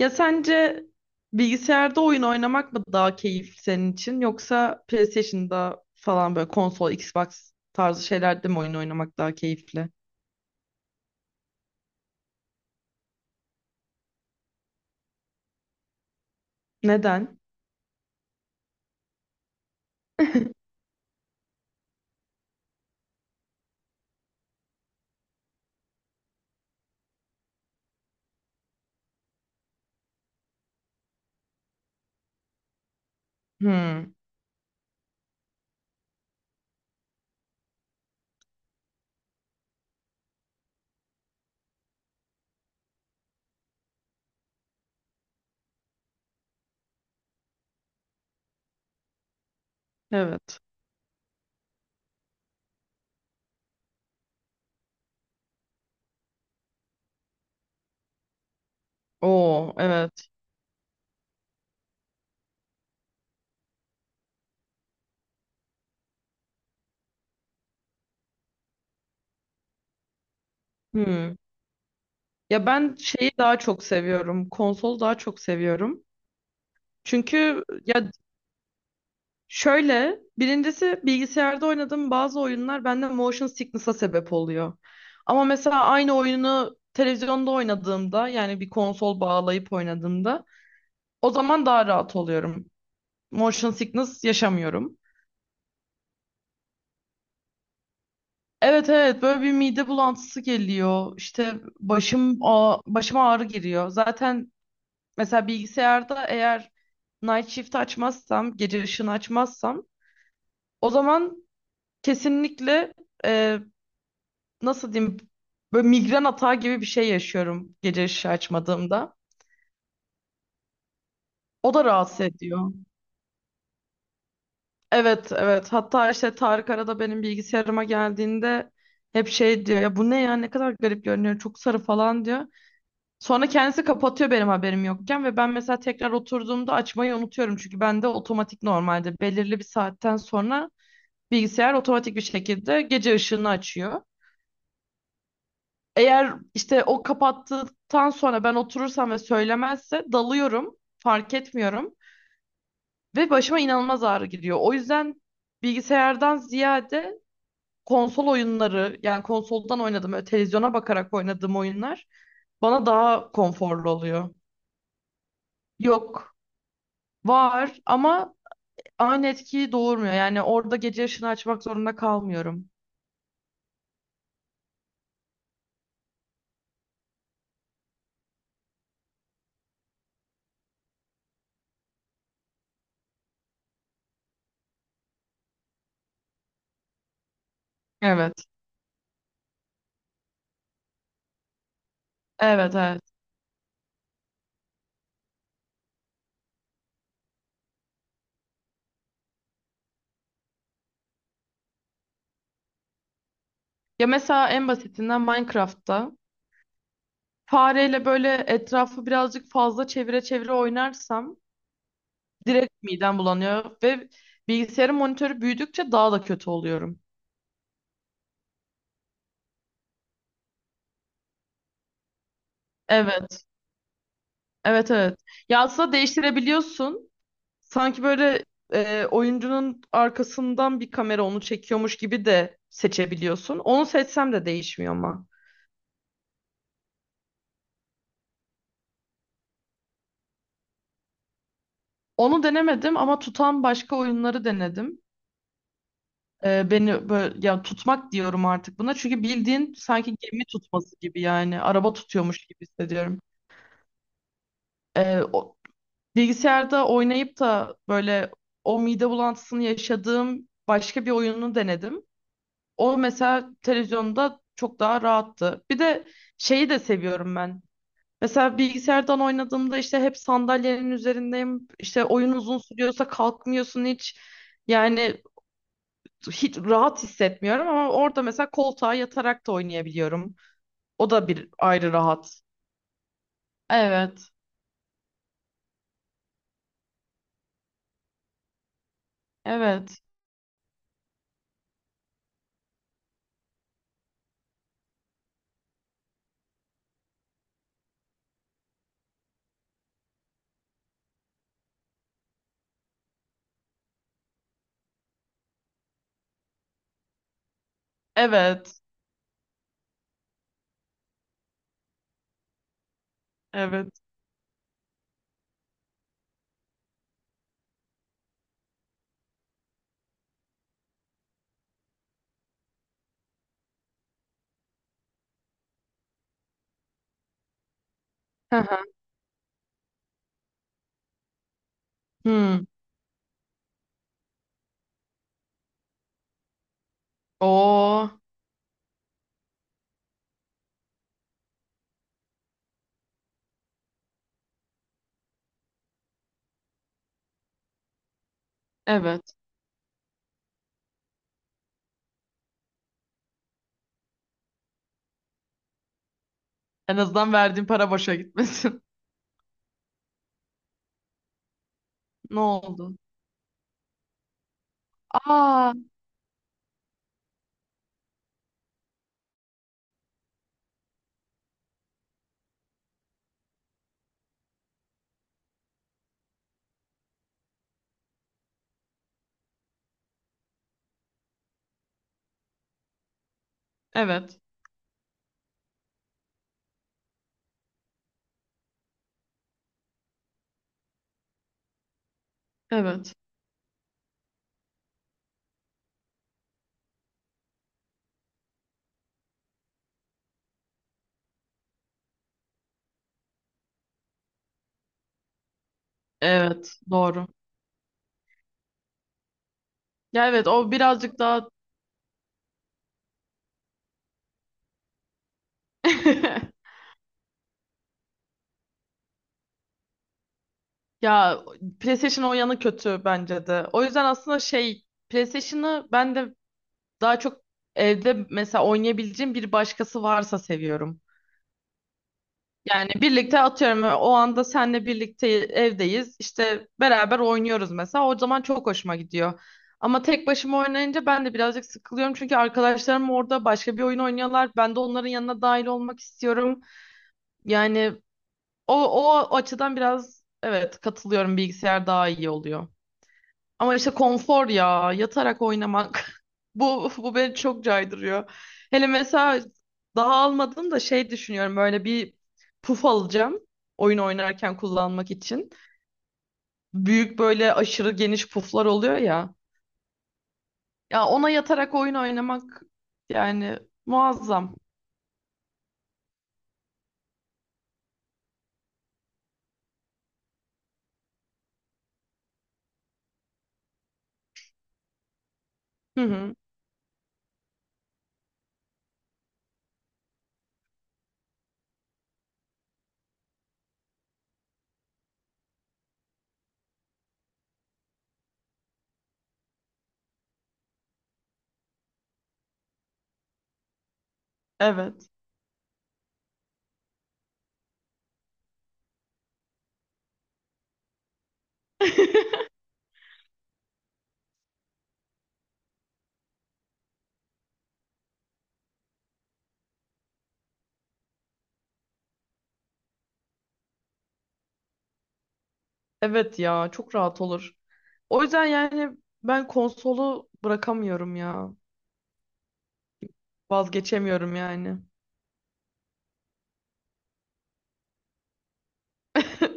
Ya sence bilgisayarda oyun oynamak mı daha keyifli senin için, yoksa PlayStation'da falan böyle konsol, Xbox tarzı şeylerde mi oyun oynamak daha keyifli? Neden? Hmm, evet. Oo, evet. Hmm. Ya ben şeyi daha çok seviyorum. Konsolu daha çok seviyorum. Çünkü ya, şöyle: birincisi, bilgisayarda oynadığım bazı oyunlar bende motion sickness'a sebep oluyor. Ama mesela aynı oyunu televizyonda oynadığımda, yani bir konsol bağlayıp oynadığımda, o zaman daha rahat oluyorum. Motion sickness yaşamıyorum. Evet, evet, böyle bir mide bulantısı geliyor. İşte başıma ağrı giriyor. Zaten mesela bilgisayarda eğer night shift açmazsam, gece ışığını açmazsam, o zaman kesinlikle, nasıl diyeyim, böyle migren atağı gibi bir şey yaşıyorum gece ışığı açmadığımda. O da rahatsız ediyor. Evet, evet, hatta işte Tarık arada benim bilgisayarıma geldiğinde hep şey diyor ya: bu ne ya, ne kadar garip görünüyor, çok sarı falan diyor. Sonra kendisi kapatıyor benim haberim yokken ve ben mesela tekrar oturduğumda açmayı unutuyorum. Çünkü bende otomatik, normalde belirli bir saatten sonra bilgisayar otomatik bir şekilde gece ışığını açıyor. Eğer işte o kapattıktan sonra ben oturursam ve söylemezse, dalıyorum, fark etmiyorum ve başıma inanılmaz ağrı gidiyor. O yüzden bilgisayardan ziyade konsol oyunları, yani konsoldan oynadığım, öyle televizyona bakarak oynadığım oyunlar bana daha konforlu oluyor. Yok, var ama aynı etkiyi doğurmuyor. Yani orada gece ışını açmak zorunda kalmıyorum. Evet. Evet, evet. Ya mesela en basitinden Minecraft'ta fareyle böyle etrafı birazcık fazla çevire çevire oynarsam, direkt midem bulanıyor ve bilgisayarın monitörü büyüdükçe daha da kötü oluyorum. Evet, evet, evet. Ya aslında değiştirebiliyorsun. Sanki böyle oyuncunun arkasından bir kamera onu çekiyormuş gibi de seçebiliyorsun. Onu seçsem de değişmiyor ama. Onu denemedim ama tutan başka oyunları denedim. Beni böyle, ya tutmak diyorum artık buna, çünkü bildiğin sanki gemi tutması gibi, yani araba tutuyormuş gibi hissediyorum. Ee, o- Bilgisayarda oynayıp da böyle o mide bulantısını yaşadığım başka bir oyunu denedim. O mesela televizyonda çok daha rahattı. Bir de şeyi de seviyorum ben. Mesela bilgisayardan oynadığımda işte hep sandalyenin üzerindeyim. İşte oyun uzun sürüyorsa kalkmıyorsun hiç. Yani hiç rahat hissetmiyorum, ama orada mesela koltuğa yatarak da oynayabiliyorum. O da bir ayrı rahat. Evet. Evet. Evet. Evet. Hı hı. Hmm. Oo. Evet. En azından verdiğim para boşa gitmesin. Ne oldu? Aa, evet. Evet. Evet, doğru. Ya evet, o birazcık daha ya, PlayStation o yanı kötü bence de. O yüzden aslında şey, PlayStation'ı ben de daha çok evde mesela oynayabileceğim bir başkası varsa seviyorum. Yani birlikte, atıyorum o anda senle birlikte evdeyiz. İşte beraber oynuyoruz mesela. O zaman çok hoşuma gidiyor. Ama tek başıma oynayınca ben de birazcık sıkılıyorum. Çünkü arkadaşlarım orada başka bir oyun oynuyorlar. Ben de onların yanına dahil olmak istiyorum. Yani o açıdan biraz, evet, katılıyorum, bilgisayar daha iyi oluyor. Ama işte konfor ya, yatarak oynamak. Bu beni çok caydırıyor. Hele mesela, daha almadım da, şey düşünüyorum, böyle bir puf alacağım oyun oynarken kullanmak için. Büyük, böyle aşırı geniş puflar oluyor ya. Ya ona yatarak oyun oynamak, yani muazzam. Hı hı, evet. Evet ya, çok rahat olur. O yüzden yani ben konsolu bırakamıyorum ya. Vazgeçemiyorum yani.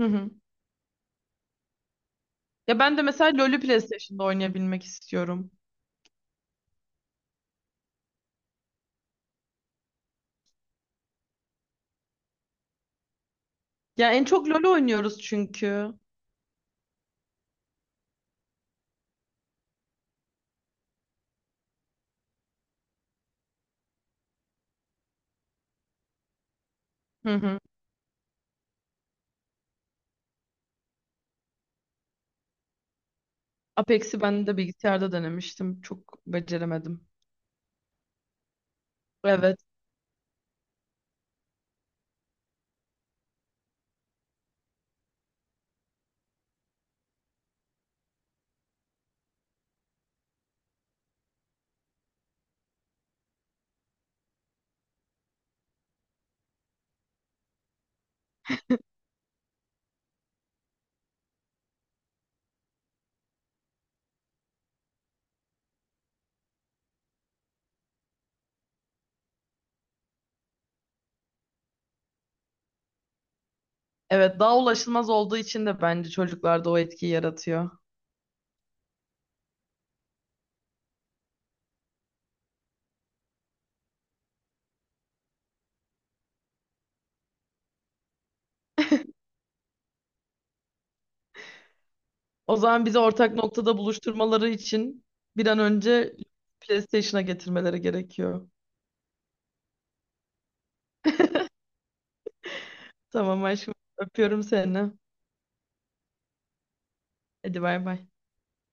Hı hı. Ya ben de mesela LoL'ü PlayStation'da oynayabilmek istiyorum. Ya en çok LoL oynuyoruz çünkü. Hı hı. Apex'i ben de bilgisayarda denemiştim. Çok beceremedim. Evet. Evet, daha ulaşılmaz olduğu için de bence çocuklarda o etkiyi yaratıyor. O zaman bizi ortak noktada buluşturmaları için bir an önce PlayStation'a getirmeleri gerekiyor. Tamam aşkım, öpüyorum seni. Hadi bay bay.